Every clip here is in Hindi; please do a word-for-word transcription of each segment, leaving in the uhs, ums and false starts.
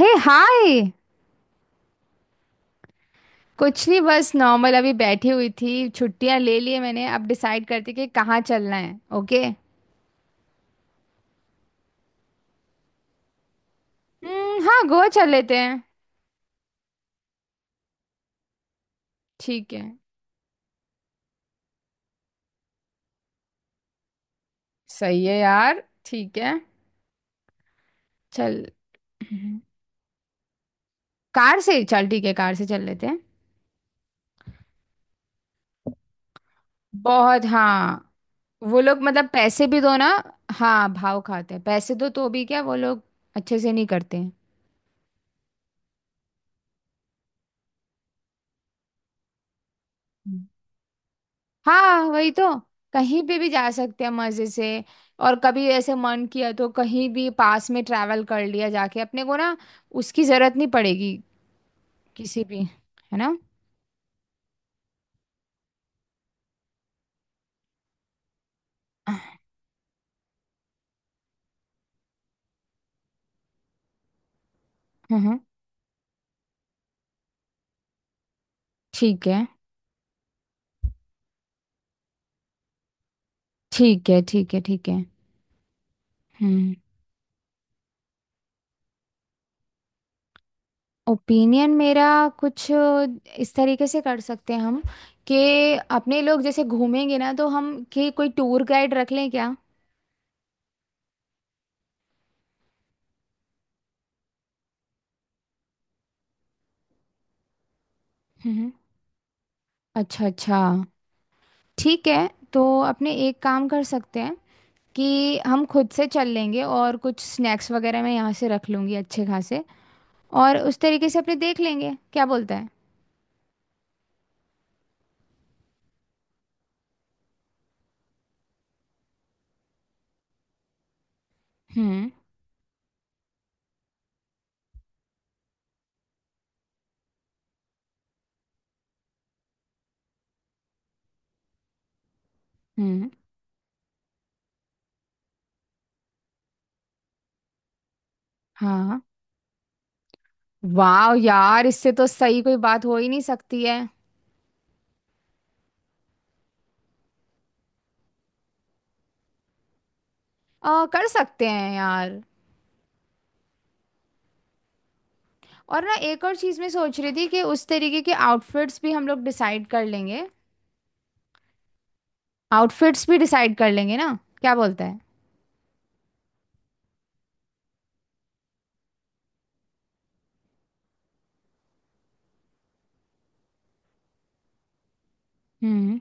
हे हाय। कुछ नहीं, बस नॉर्मल अभी बैठी हुई थी, छुट्टियां ले ली है मैंने। अब डिसाइड करती कि कहाँ चलना है। ओके। हम्म, हाँ गोवा चल लेते हैं। ठीक है। सही है यार, ठीक है। चल। हम्म, कार से चल, ठीक है, कार से चल लेते हैं। बहुत, हाँ। वो लोग मतलब पैसे भी दो ना। हाँ भाव खाते हैं, पैसे दो तो भी क्या वो लोग अच्छे से नहीं करते हैं। हाँ वही तो। कहीं पे भी जा सकते हैं मजे से। और कभी ऐसे मन किया तो कहीं भी पास में ट्रैवल कर लिया जाके अपने को ना, उसकी जरूरत नहीं पड़ेगी। किसी भी, है ना। हम्म। ठीक है, ठीक है, ठीक है। ठीक है। हम्म। ओपिनियन मेरा, कुछ इस तरीके से कर सकते हैं हम, कि अपने लोग जैसे घूमेंगे ना तो हम कि कोई टूर गाइड रख लें क्या। हम्म। अच्छा अच्छा। ठीक है तो अपने एक काम कर सकते हैं, कि हम खुद से चल लेंगे और कुछ स्नैक्स वगैरह मैं यहाँ से रख लूंगी अच्छे खासे। और उस तरीके से अपने देख लेंगे, क्या बोलता है। हम्म। हम्म। हाँ। वाह यार, इससे तो सही कोई बात हो ही नहीं सकती है। आ, कर सकते हैं यार। और ना एक और चीज़ मैं सोच रही थी कि उस तरीके के आउटफिट्स भी हम लोग डिसाइड कर लेंगे। आउटफिट्स भी डिसाइड कर लेंगे ना, क्या बोलता है। हम्म।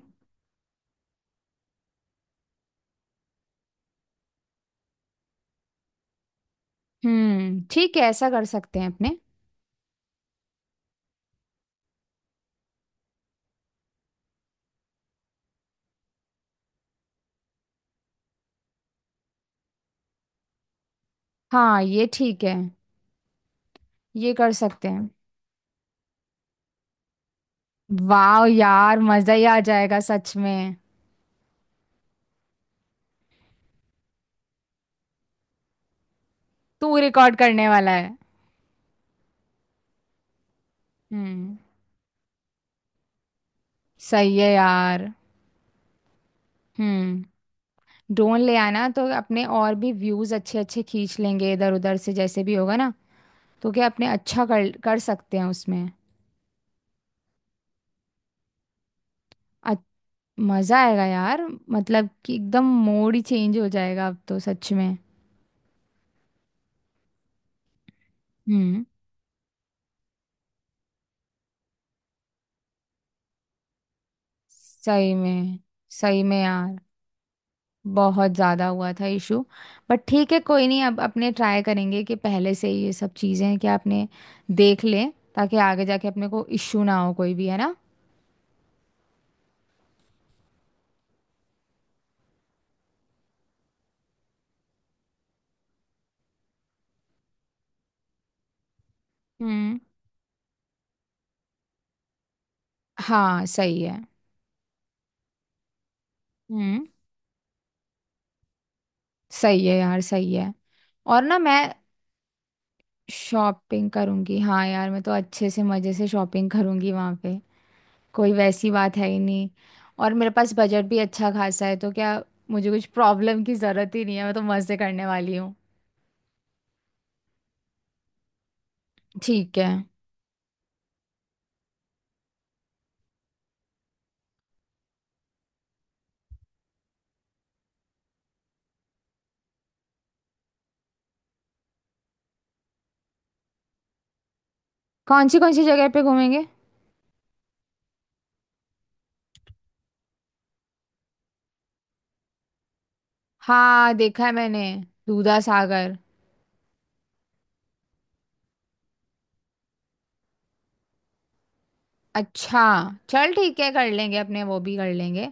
हम्म। ठीक है, ऐसा कर सकते हैं अपने। हाँ ये ठीक है। ये कर सकते हैं। वाह यार, मजा ही आ जाएगा सच में। तू रिकॉर्ड करने वाला है। हम्म। सही है यार। हम्म। ड्रोन ले आना तो अपने और भी व्यूज अच्छे अच्छे खींच लेंगे इधर उधर से, जैसे भी होगा ना। तो क्या अपने अच्छा कर कर सकते हैं उसमें। अच- मजा आएगा यार। मतलब कि एकदम मूड ही चेंज हो जाएगा अब तो सच में। हम्म। सही में, सही में यार। बहुत ज़्यादा हुआ था इशू। बट ठीक है, कोई नहीं, अब अपने ट्राई करेंगे कि पहले से ही ये सब चीज़ें हैं कि आपने देख लें, ताकि आगे जाके अपने को इशू ना हो कोई भी, है ना। हम्म। हाँ सही है। हम्म। सही है यार, सही है। और ना मैं शॉपिंग करूँगी, हाँ यार, मैं तो अच्छे से मज़े से शॉपिंग करूँगी वहाँ पे। कोई वैसी बात है ही नहीं। और मेरे पास बजट भी अच्छा खासा है तो क्या, मुझे कुछ प्रॉब्लम की ज़रूरत ही नहीं है, मैं तो मज़े करने वाली हूँ। ठीक है। कौन सी कौन सी जगह पे घूमेंगे। हाँ देखा है मैंने, दूधा सागर। अच्छा, चल ठीक है, कर लेंगे अपने वो भी कर लेंगे।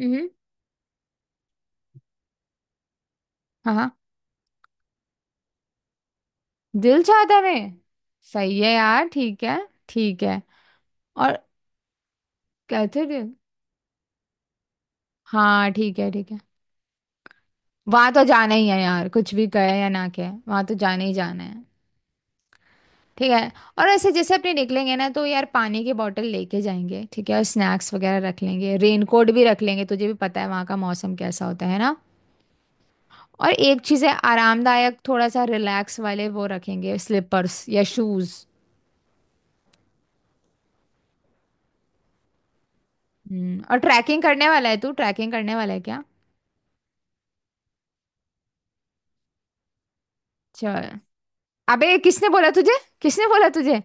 हम्म। हाँ हाँ। दिल चाहता में। सही है यार, ठीक है। ठीक है। और कहते थे। हाँ ठीक है, ठीक है। वहां तो जाना ही है यार, कुछ भी कहे या ना कहे वहां तो जाना ही जाना है। ठीक है। और ऐसे जैसे अपने निकलेंगे ना तो यार, पानी की बोतल लेके जाएंगे, ठीक है, और स्नैक्स वगैरह रख लेंगे, रेनकोट भी रख लेंगे, तुझे भी पता है वहाँ का मौसम कैसा होता है ना। और एक चीज है, आरामदायक थोड़ा सा रिलैक्स वाले वो रखेंगे, स्लीपर्स या शूज। हम्म। और ट्रैकिंग करने वाला है तू, ट्रैकिंग करने वाला है क्या। चल। अबे किसने बोला तुझे, किसने बोला तुझे।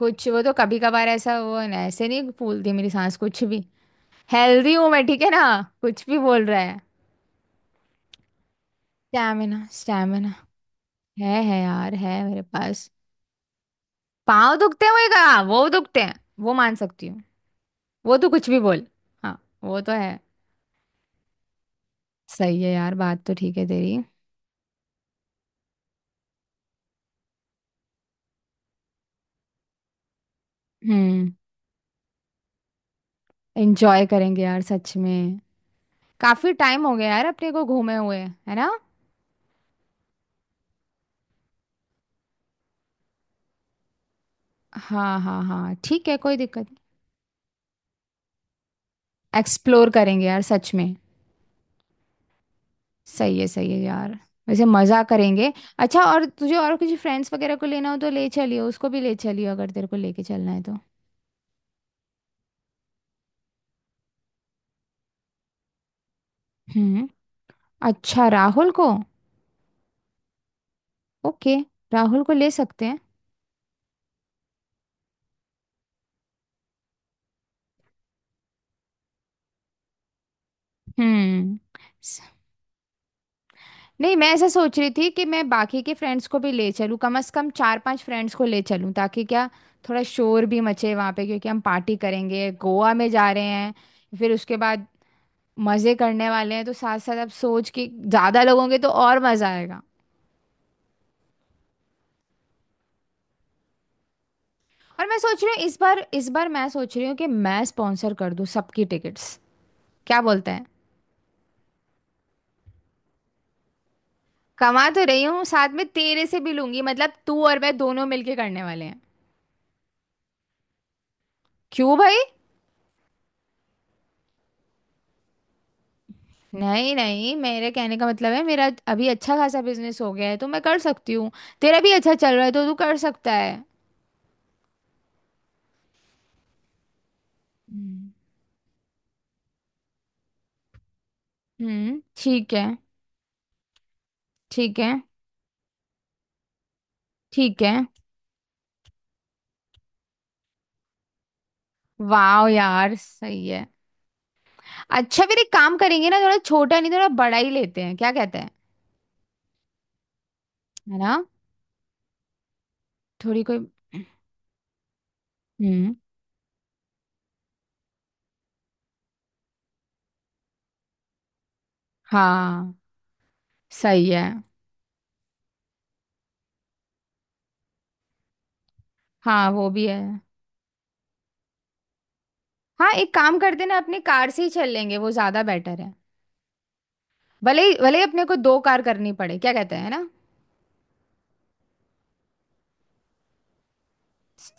कुछ वो तो कभी कभार ऐसा, वो न- ऐसे नहीं फूलती मेरी सांस कुछ भी। हेल्दी हूं मैं, ठीक है ना। कुछ भी बोल रहा है। स्टैमिना, स्टैमिना है है यार, है मेरे पास। पाँव दुखते हुए का, वो दुखते हैं, वो मान सकती हूँ, वो तो कुछ भी बोल। हाँ, वो तो है। सही है यार, बात तो ठीक है तेरी। हम्म। एंजॉय करेंगे यार सच में। काफी टाइम हो गया यार अपने को घूमे हुए, है ना। हाँ हाँ हाँ, ठीक है कोई दिक्कत नहीं। एक्सप्लोर करेंगे यार सच में। सही है, सही है यार। वैसे मजा करेंगे। अच्छा, और तुझे और किसी फ्रेंड्स वगैरह को लेना हो तो ले चलियो, उसको भी ले चलियो, अगर तेरे को लेके चलना है तो। हम्म। अच्छा, राहुल को। ओके। राहुल को ले सकते हैं। हम्म। नहीं, मैं ऐसा सोच रही थी कि मैं बाकी के फ्रेंड्स को भी ले चलूँ, कम से कम चार पांच फ्रेंड्स को ले चलूँ, ताकि क्या, थोड़ा शोर भी मचे वहाँ पे, क्योंकि हम पार्टी करेंगे, गोवा में जा रहे हैं। फिर उसके बाद मज़े करने वाले हैं, तो साथ साथ अब सोच कि ज़्यादा लोग होंगे तो और मज़ा आएगा। और मैं सोच रही हूँ, इस बार, इस बार मैं सोच रही हूँ कि मैं स्पॉन्सर कर दूँ सबकी टिकट्स, क्या बोलते हैं। कमा तो रही हूँ, साथ में तेरे से भी लूंगी, मतलब तू और मैं दोनों मिलके करने वाले हैं। क्यों भाई। नहीं नहीं, मेरे कहने का मतलब है मेरा अभी अच्छा खासा बिजनेस हो गया है तो मैं कर सकती हूँ। तेरा भी अच्छा चल रहा है तो तू कर सकता है। हम्म। हम्म। ठीक है, ठीक है, ठीक है। वाह यार सही है। अच्छा फिर एक काम करेंगे ना, थोड़ा छोटा नहीं, थोड़ा बड़ा ही लेते हैं, क्या कहते हैं, है ना। थोड़ी कोई। हम्म। हाँ सही है। हाँ वो भी है। हाँ, एक काम करते ना, अपनी कार से ही चल लेंगे, वो ज्यादा बेटर है। भले ही, भले ही अपने को दो कार करनी पड़े, क्या कहते हैं, है ना।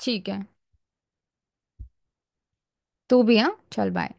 ठीक है। तू भी, हाँ चल बाय।